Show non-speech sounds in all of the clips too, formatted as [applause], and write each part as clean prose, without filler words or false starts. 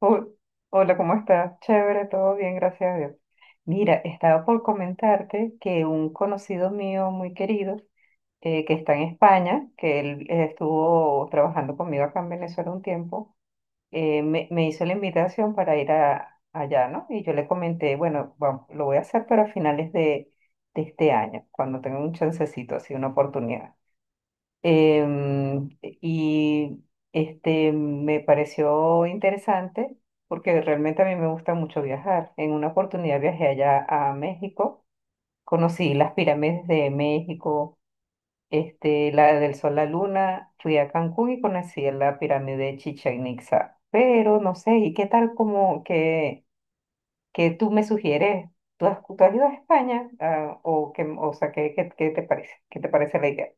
Ho- Hola, ¿cómo estás? Chévere, todo bien, gracias a Dios. Mira, estaba por comentarte que un conocido mío muy querido, que está en España, que él estuvo trabajando conmigo acá en Venezuela un tiempo, me hizo la invitación para ir a, allá, ¿no? Y yo le comenté, bueno, vamos, lo voy a hacer, pero a finales de este año, cuando tenga un chancecito, así una oportunidad. Y me pareció interesante porque realmente a mí me gusta mucho viajar. En una oportunidad viajé allá a México, conocí las pirámides de México, la del Sol, la Luna, fui a Cancún y conocí la pirámide de Chichén Itzá. Pero no sé, ¿y qué tal como que, tú me sugieres? ¿Tú has ido a España? Ah, o, que, o sea, ¿qué te parece? ¿Qué te parece la idea?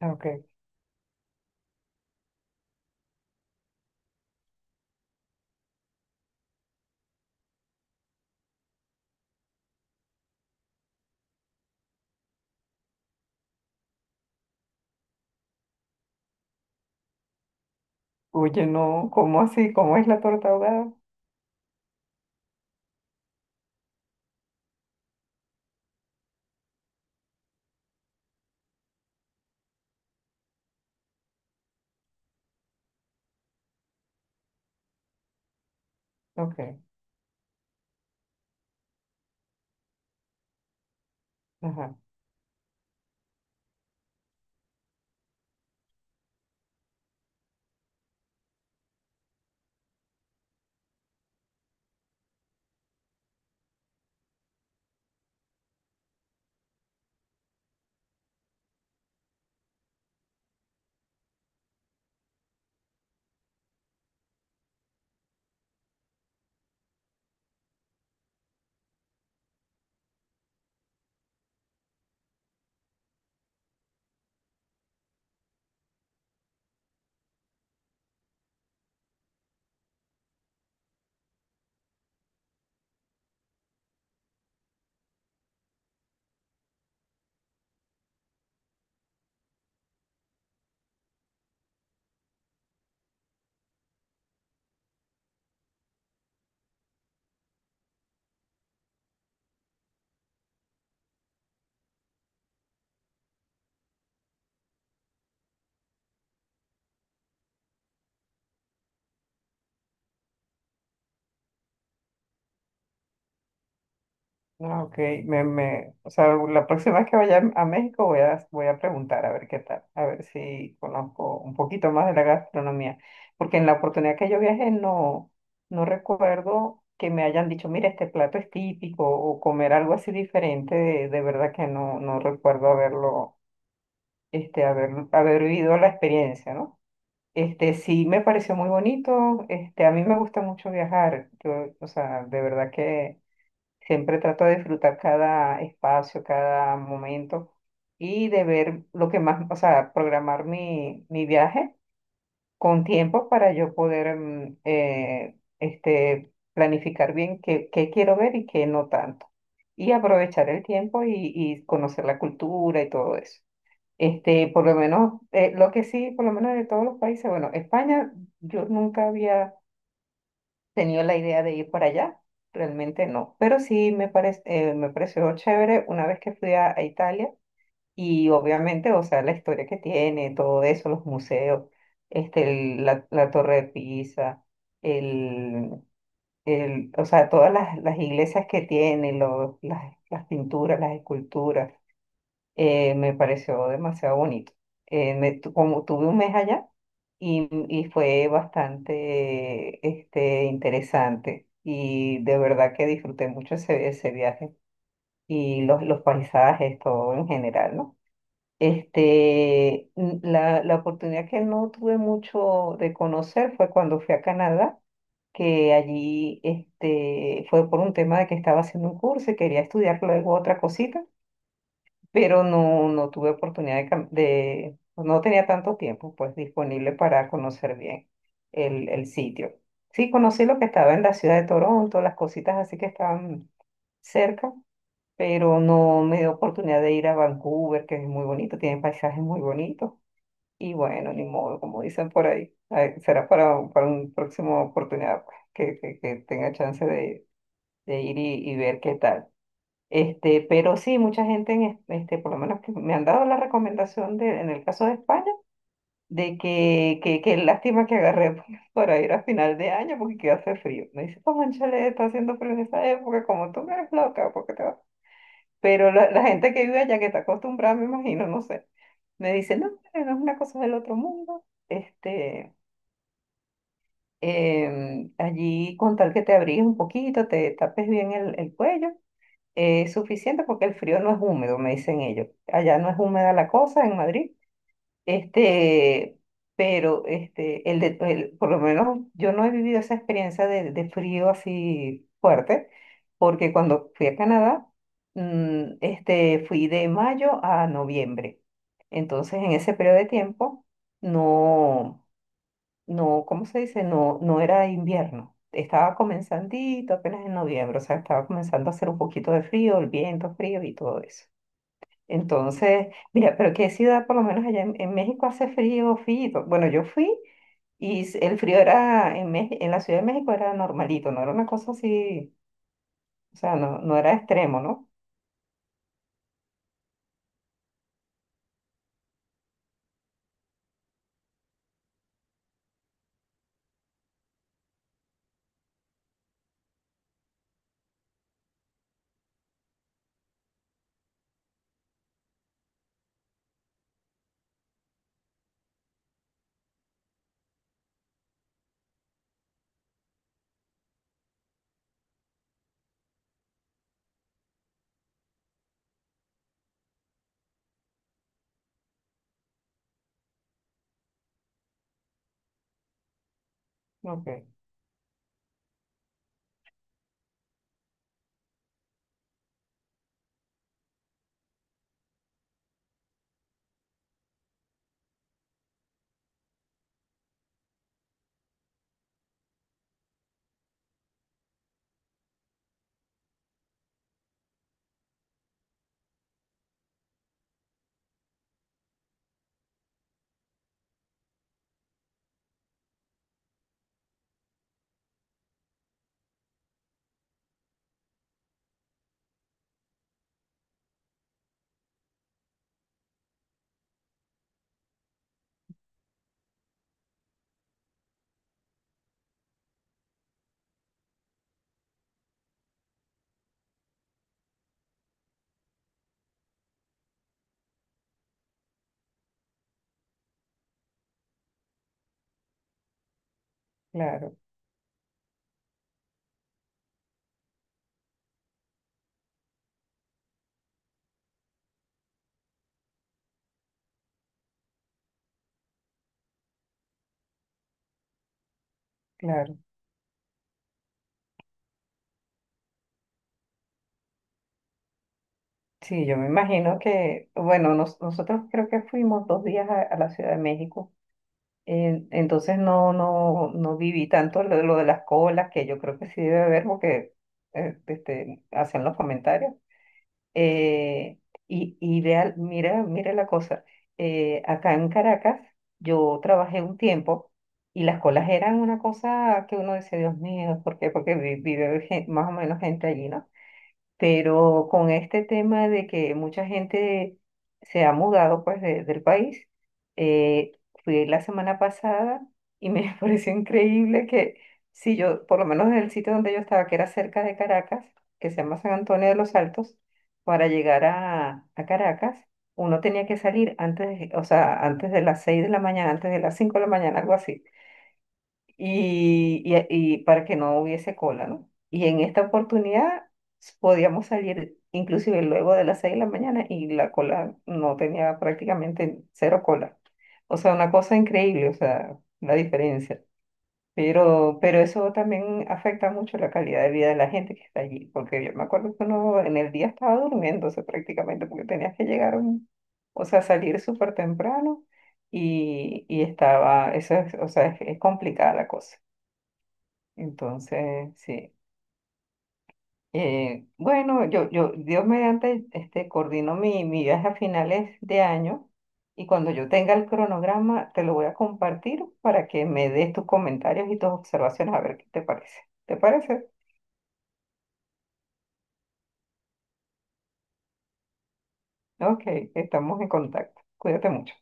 Ok. Oye, no, ¿cómo así? ¿Cómo es la torta ahogada? Ok, ajá, no, ok, me, o sea, la próxima vez que vaya a México voy a, preguntar a ver qué tal, a ver si conozco un poquito más de la gastronomía, porque en la oportunidad que yo viajé no, recuerdo que me hayan dicho, mira, este plato es típico, o comer algo así diferente, de verdad que no recuerdo haberlo, haber vivido la experiencia, ¿no? Sí, me pareció muy bonito. A mí me gusta mucho viajar. Yo, o sea, de verdad que siempre trato de disfrutar cada espacio, cada momento y de ver lo que más, o sea, programar mi viaje con tiempo para yo poder planificar bien qué, quiero ver y qué no tanto. Y aprovechar el tiempo y conocer la cultura y todo eso. Por lo menos, lo que sí, por lo menos de todos los países, bueno, España, yo nunca había tenido la idea de ir para allá, realmente no, pero sí me parece, me pareció chévere una vez que fui a, Italia y obviamente, o sea, la historia que tiene, todo eso, los museos, este, la Torre de Pisa, el, o sea, todas las iglesias que tiene, las pinturas, las esculturas me pareció demasiado bonito. Como tuve un mes allá y fue bastante interesante y de verdad que disfruté mucho ese viaje y los paisajes, todo en general, ¿no? La oportunidad que no tuve mucho de conocer fue cuando fui a Canadá, que allí fue por un tema de que estaba haciendo un curso y quería estudiar luego otra cosita pero no, no tuve oportunidad pues, no tenía tanto tiempo pues disponible para conocer bien el sitio. Sí, conocí lo que estaba en la ciudad de Toronto, las cositas así que estaban cerca, pero no me dio oportunidad de ir a Vancouver, que es muy bonito, tiene paisajes muy bonitos. Y bueno, ni modo, como dicen por ahí, ay, será para una próxima oportunidad pues, que, que tenga chance de ir y ver qué tal. Pero sí, mucha gente, por lo menos que me han dado la recomendación de, en el caso de España, de que, que lástima que agarré [laughs] para ir a [laughs] final de año porque que hace frío. Me dice, como chale, está haciendo frío en esa época, como tú no eres loca, porque te vas? Pero la gente que vive allá, que está acostumbrada, me imagino, no sé, me dice, no, hombre, no es una cosa del otro mundo. Allí con tal que te abrigues un poquito, te tapes bien el cuello. Suficiente porque el frío no es húmedo, me dicen ellos. Allá no es húmeda la cosa en Madrid. Este, pero por lo menos yo no he vivido esa experiencia de frío así fuerte, porque cuando fui a Canadá, fui de mayo a noviembre. Entonces, en ese periodo de tiempo, no no, ¿cómo se dice? No, no era invierno. Estaba comenzandito apenas en noviembre, o sea, estaba comenzando a hacer un poquito de frío, el viento frío y todo eso. Entonces, mira, pero qué ciudad, por lo menos allá en México hace frío, frío. Bueno, yo fui y el frío era en la Ciudad de México era normalito, no era una cosa así, o sea, no, no era extremo, ¿no? Ok, claro, claro. Sí, yo me imagino que, bueno, nosotros creo que fuimos 2 días a la Ciudad de México. Entonces no, no, no viví tanto lo de las colas, que yo creo que sí debe haber porque hacen los comentarios. Eh, Mira, mira la cosa. Acá en Caracas yo trabajé un tiempo y las colas eran una cosa que uno dice, Dios mío, ¿por qué? Porque vive más o menos gente allí, ¿no? Pero con este tema de que mucha gente se ha mudado pues del país, eh, fui la semana pasada y me [laughs] pareció increíble que si yo, por lo menos en el sitio donde yo estaba, que era cerca de Caracas, que se llama San Antonio de los Altos, para llegar a Caracas, uno tenía que salir antes, o sea, antes de las 6 de la mañana, antes de las 5 de la mañana, algo así y, y- y para que no hubiese cola, ¿no? Y en esta oportunidad podíamos salir inclusive luego de las 6 de la mañana y la cola no tenía prácticamente cero cola. O sea, una cosa increíble, o sea, la diferencia. Pero, eso también afecta mucho la calidad de vida de la gente que está allí, porque yo me acuerdo que uno en el día estaba durmiéndose prácticamente, porque tenías que llegar, o sea, salir súper temprano y estaba, eso es, o sea, es complicada la cosa. Entonces, sí. Bueno, yo, Dios mediante, coordino mi viaje a finales de año y cuando yo tenga el cronograma te lo voy a compartir para que me des tus comentarios y tus observaciones a ver qué te parece. ¿Te parece? Ok, estamos en contacto. Cuídate mucho.